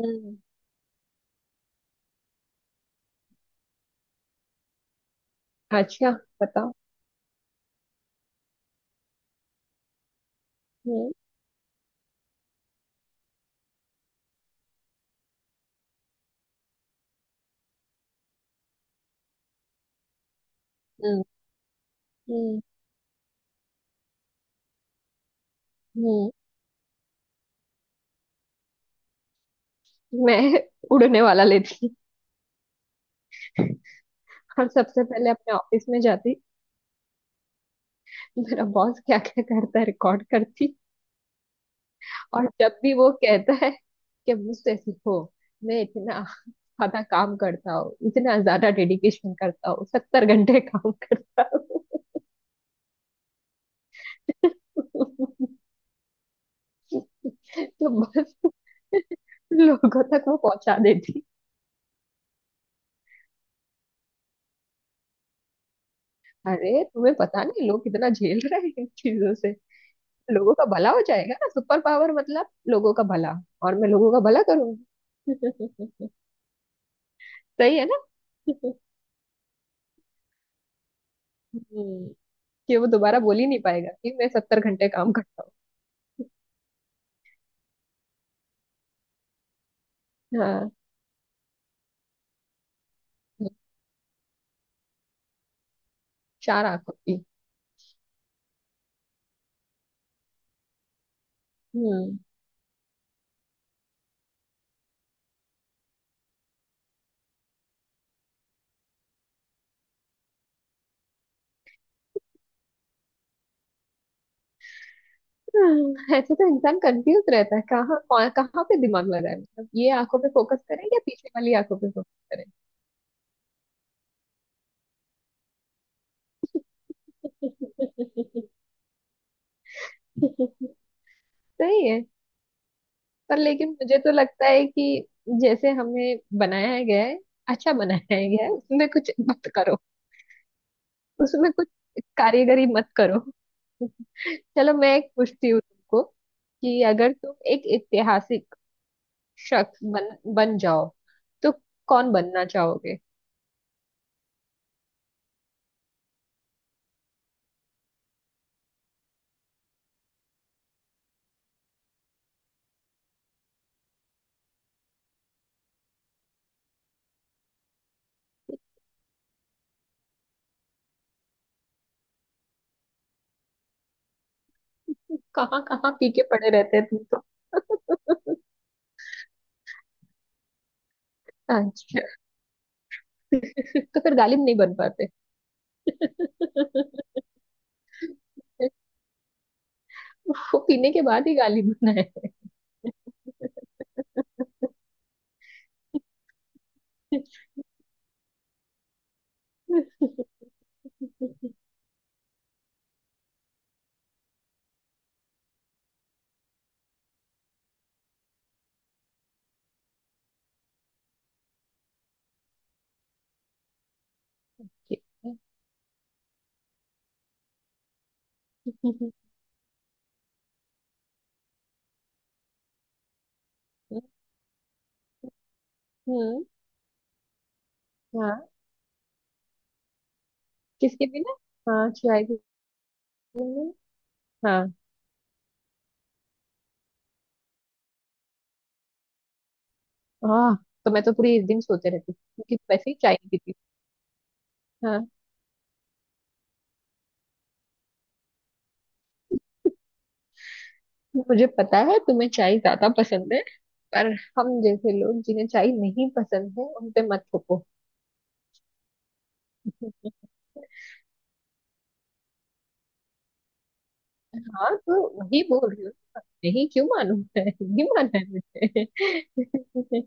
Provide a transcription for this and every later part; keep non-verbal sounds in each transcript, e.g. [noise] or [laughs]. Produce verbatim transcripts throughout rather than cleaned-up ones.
हम्म। अच्छा, बताओ। हम्म। हम्म। हम्म। हम्म। मैं उड़ने वाला लेती और सबसे पहले अपने ऑफिस में जाती। मेरा बॉस क्या क्या करता है रिकॉर्ड करती। और जब भी वो कहता है कि मुझसे सीखो, मैं इतना ज्यादा काम करता हूँ, इतना ज्यादा डेडिकेशन करता हूँ, सत्तर घंटे काम करता हूँ। [laughs] तो बस लोगों तक वो पहुंचा देती। अरे तुम्हें पता नहीं लोग कितना झेल रहे हैं इन चीजों से, लोगों का भला हो जाएगा ना, सुपर पावर मतलब लोगों का भला, और मैं लोगों का भला करूंगी। [laughs] सही है ना? हम्म, कि वो दोबारा बोल ही नहीं पाएगा कि मैं सत्तर घंटे काम करता हूँ। हाँ। चार आंखों की। हम्म। हाँ, ऐसे तो इंसान कंफ्यूज रहता है, कहाँ कौन- कहाँ पे दिमाग लगाए, मतलब ये आंखों पे फोकस करें या पीछे वाली आंखों पे फोकस करें। [laughs] सही है। पर लेकिन मुझे तो लगता है कि जैसे हमें बनाया गया है, अच्छा बनाया गया है, उसमें कुछ मत करो। उसमें कुछ कारीगरी मत करो। [laughs] चलो मैं एक पूछती हूँ तुमको, कि अगर तुम एक ऐतिहासिक शख्स बन बन जाओ तो कौन बनना चाहोगे? कहाँ कहाँ पी के पड़े रहते हैं तुम तो। अच्छा। [laughs] तो फिर गालिब नहीं बन पाते। [laughs] वो पीने के बाद ही गालिब बना है। [laughs] हम्म। हाँ। किसके बिना? हाँ, चाय के बिना। हाँ हाँ। तो मैं तो पूरी इस दिन सोते रहती थी, क्योंकि वैसे ही चाय नहीं पीती। हाँ, मुझे पता है तुम्हें चाय ज्यादा पसंद है, पर हम जैसे लोग जिन्हें चाय नहीं पसंद है, उन पे मत थोपो। हाँ तो वही बोल रही हूँ, नहीं, क्यों मानू मैं? [laughs] नहीं माना है मुझे।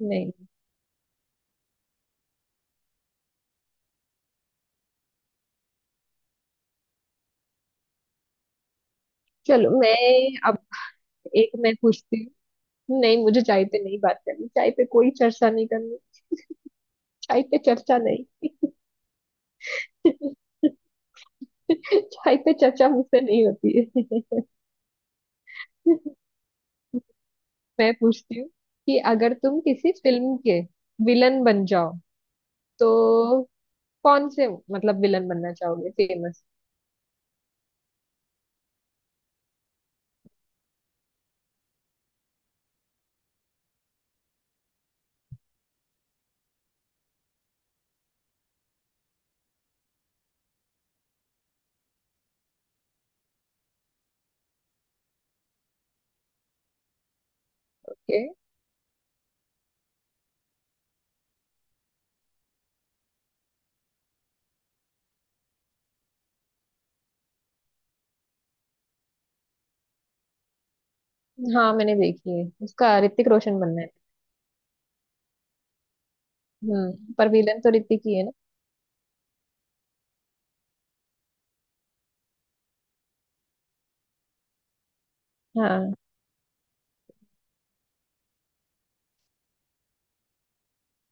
[laughs] नहीं, चलो मैं अब एक मैं पूछती हूँ। नहीं, मुझे चाय पे नहीं बात करनी, चाय पे कोई चर्चा नहीं करनी, चाय पे चर्चा नहीं। [laughs] चाय पे चर्चा मुझसे नहीं होती है। [laughs] मैं पूछती हूँ, कि अगर तुम किसी फिल्म के विलन बन जाओ तो कौन से, मतलब विलन बनना चाहोगे फेमस? के। हाँ मैंने देखी है, उसका ऋतिक रोशन बनना है। हम्म पर विलन तो ऋतिक ही है ना? हाँ।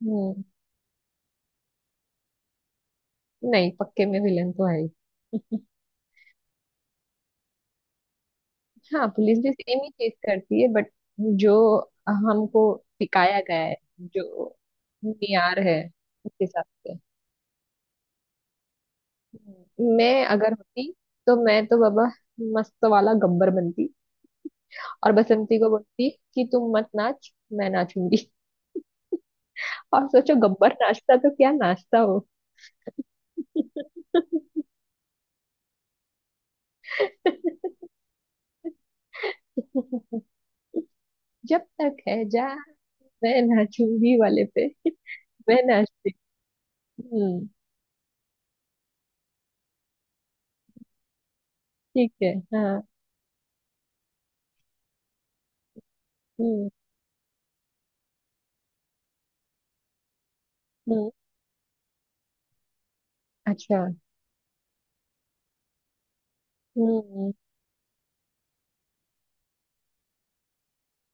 हम्म। नहीं, पक्के में विलन तो है ही। हाँ, पुलिस भी सेम ही चीज करती है बट जो हमको दिखाया गया है, जो मीआर है, उस हिसाब से, मैं अगर होती तो मैं तो बाबा मस्त वाला गब्बर बनती और बसंती को बोलती कि तुम मत नाच, मैं नाचूंगी, और सोचो गब्बर नाचता तो क्या नाचता हो। [laughs] जब तक है जा, मैं नाचूंगी वाले पे। [laughs] मैं नाचती। हम्म। ठीक है। हाँ। हम्म। हम्म। अच्छा। हम्म।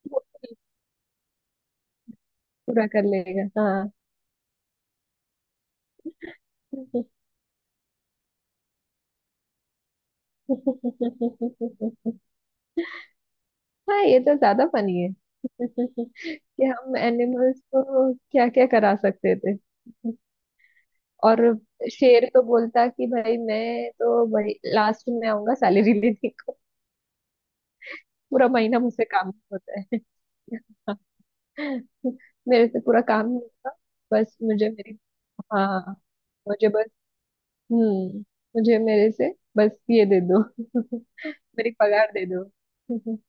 पू- पूरा कर लेगा, हाँ। [laughs] हाँ ये तो ज्यादा फनी है। [laughs] कि हम एनिमल्स को क्या क्या करा सकते थे। [laughs] और शेर तो बोलता कि भाई मैं तो भाई लास्ट में आऊंगा सैलरी लेने को, पूरा महीना मुझसे काम नहीं होता है। [laughs] मेरे से पूरा काम नहीं होता। बस मुझे मेरी, हाँ, मुझे बस, हम्म, मुझे मेरे से बस ये दे दो। [laughs] मेरी पगार दे दो। [laughs]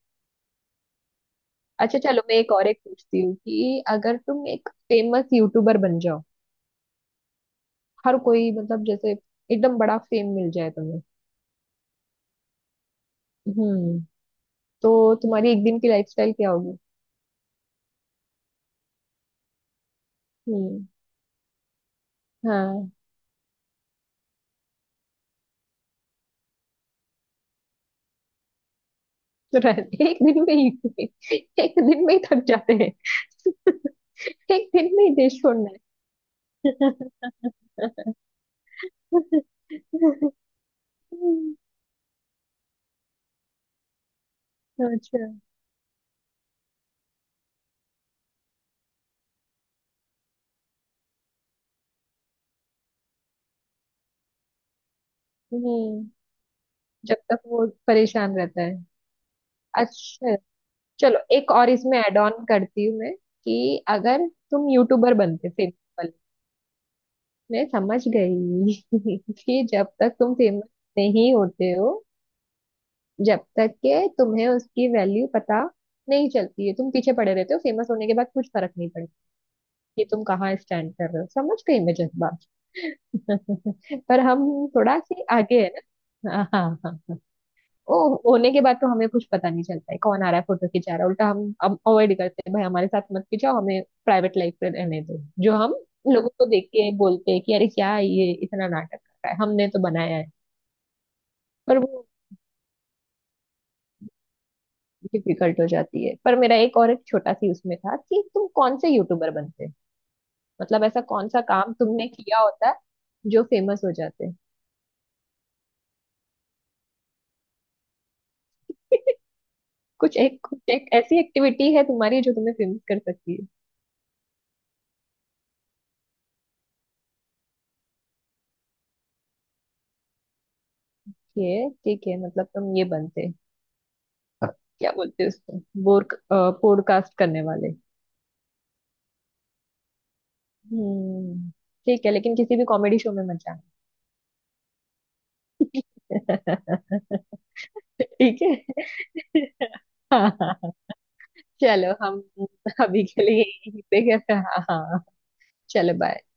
अच्छा चलो मैं एक और एक पूछती हूँ, कि अगर तुम एक फेमस यूट्यूबर बन जाओ, हर कोई मतलब जैसे एकदम बड़ा फेम मिल जाए तुम्हें, हम्म तो तुम्हारी एक दिन की लाइफस्टाइल क्या? हम्म। हाँ। तो राज- एक दिन में ही [laughs] एक दिन में ही थक जाते हैं। [laughs] एक दिन में ही देश छोड़ना है। [laughs] अच्छा। हम्म। जब तक वो परेशान रहता है। अच्छा, चलो एक और इसमें ऐड ऑन करती हूँ मैं, कि अगर तुम यूट्यूबर बनते सिंपल। मैं समझ गई [laughs] कि जब तक तुम फेमस नहीं होते हो, जब तक के तुम्हें उसकी वैल्यू पता नहीं चलती है, तुम पीछे पड़े रहते हो, फेमस होने के बाद कुछ फर्क नहीं पड़ता कि तुम कहाँ स्टैंड कर रहे हो। समझ गई मैं जज्बात। [laughs] पर हम थोड़ा सी आगे है ना, हाँ हाँ हाँ हाँ। ओ होने के बाद तो हमें कुछ पता नहीं चलता है, कौन आ रहा है, फोटो खिंचा रहा है, उल्टा हम अब अवॉइड करते हैं, भाई हमारे साथ मत खिंचाओ, हमें प्राइवेट लाइफ में रहने दो, जो हम लोगों को देख के बोलते हैं कि अरे क्या ये इतना नाटक कर रहा है, हमने तो बनाया है। पर वो डिफिकल्ट हो जाती है, पर मेरा एक और एक छोटा सी उसमें था, कि तुम कौन से यूट्यूबर बनते, मतलब ऐसा कौन सा काम तुमने किया होता है जो फेमस हो जाते? कुछ एक कुछ एक ऐसी एक्टिविटी है तुम्हारी जो तुम्हें फेमस कर सकती है। ये ठीक है, मतलब तुम ये बनते? क्या बोलते हैं उसको, बोर पॉडकास्ट करने वाले। हम्म। ठीक है, लेकिन किसी भी कॉमेडी शो में मत जाना। [laughs] ठीक है। [laughs] हाँ हाँ, चलो हम अभी के लिए यहीं पे, हाँ हाँ, चलो बाय।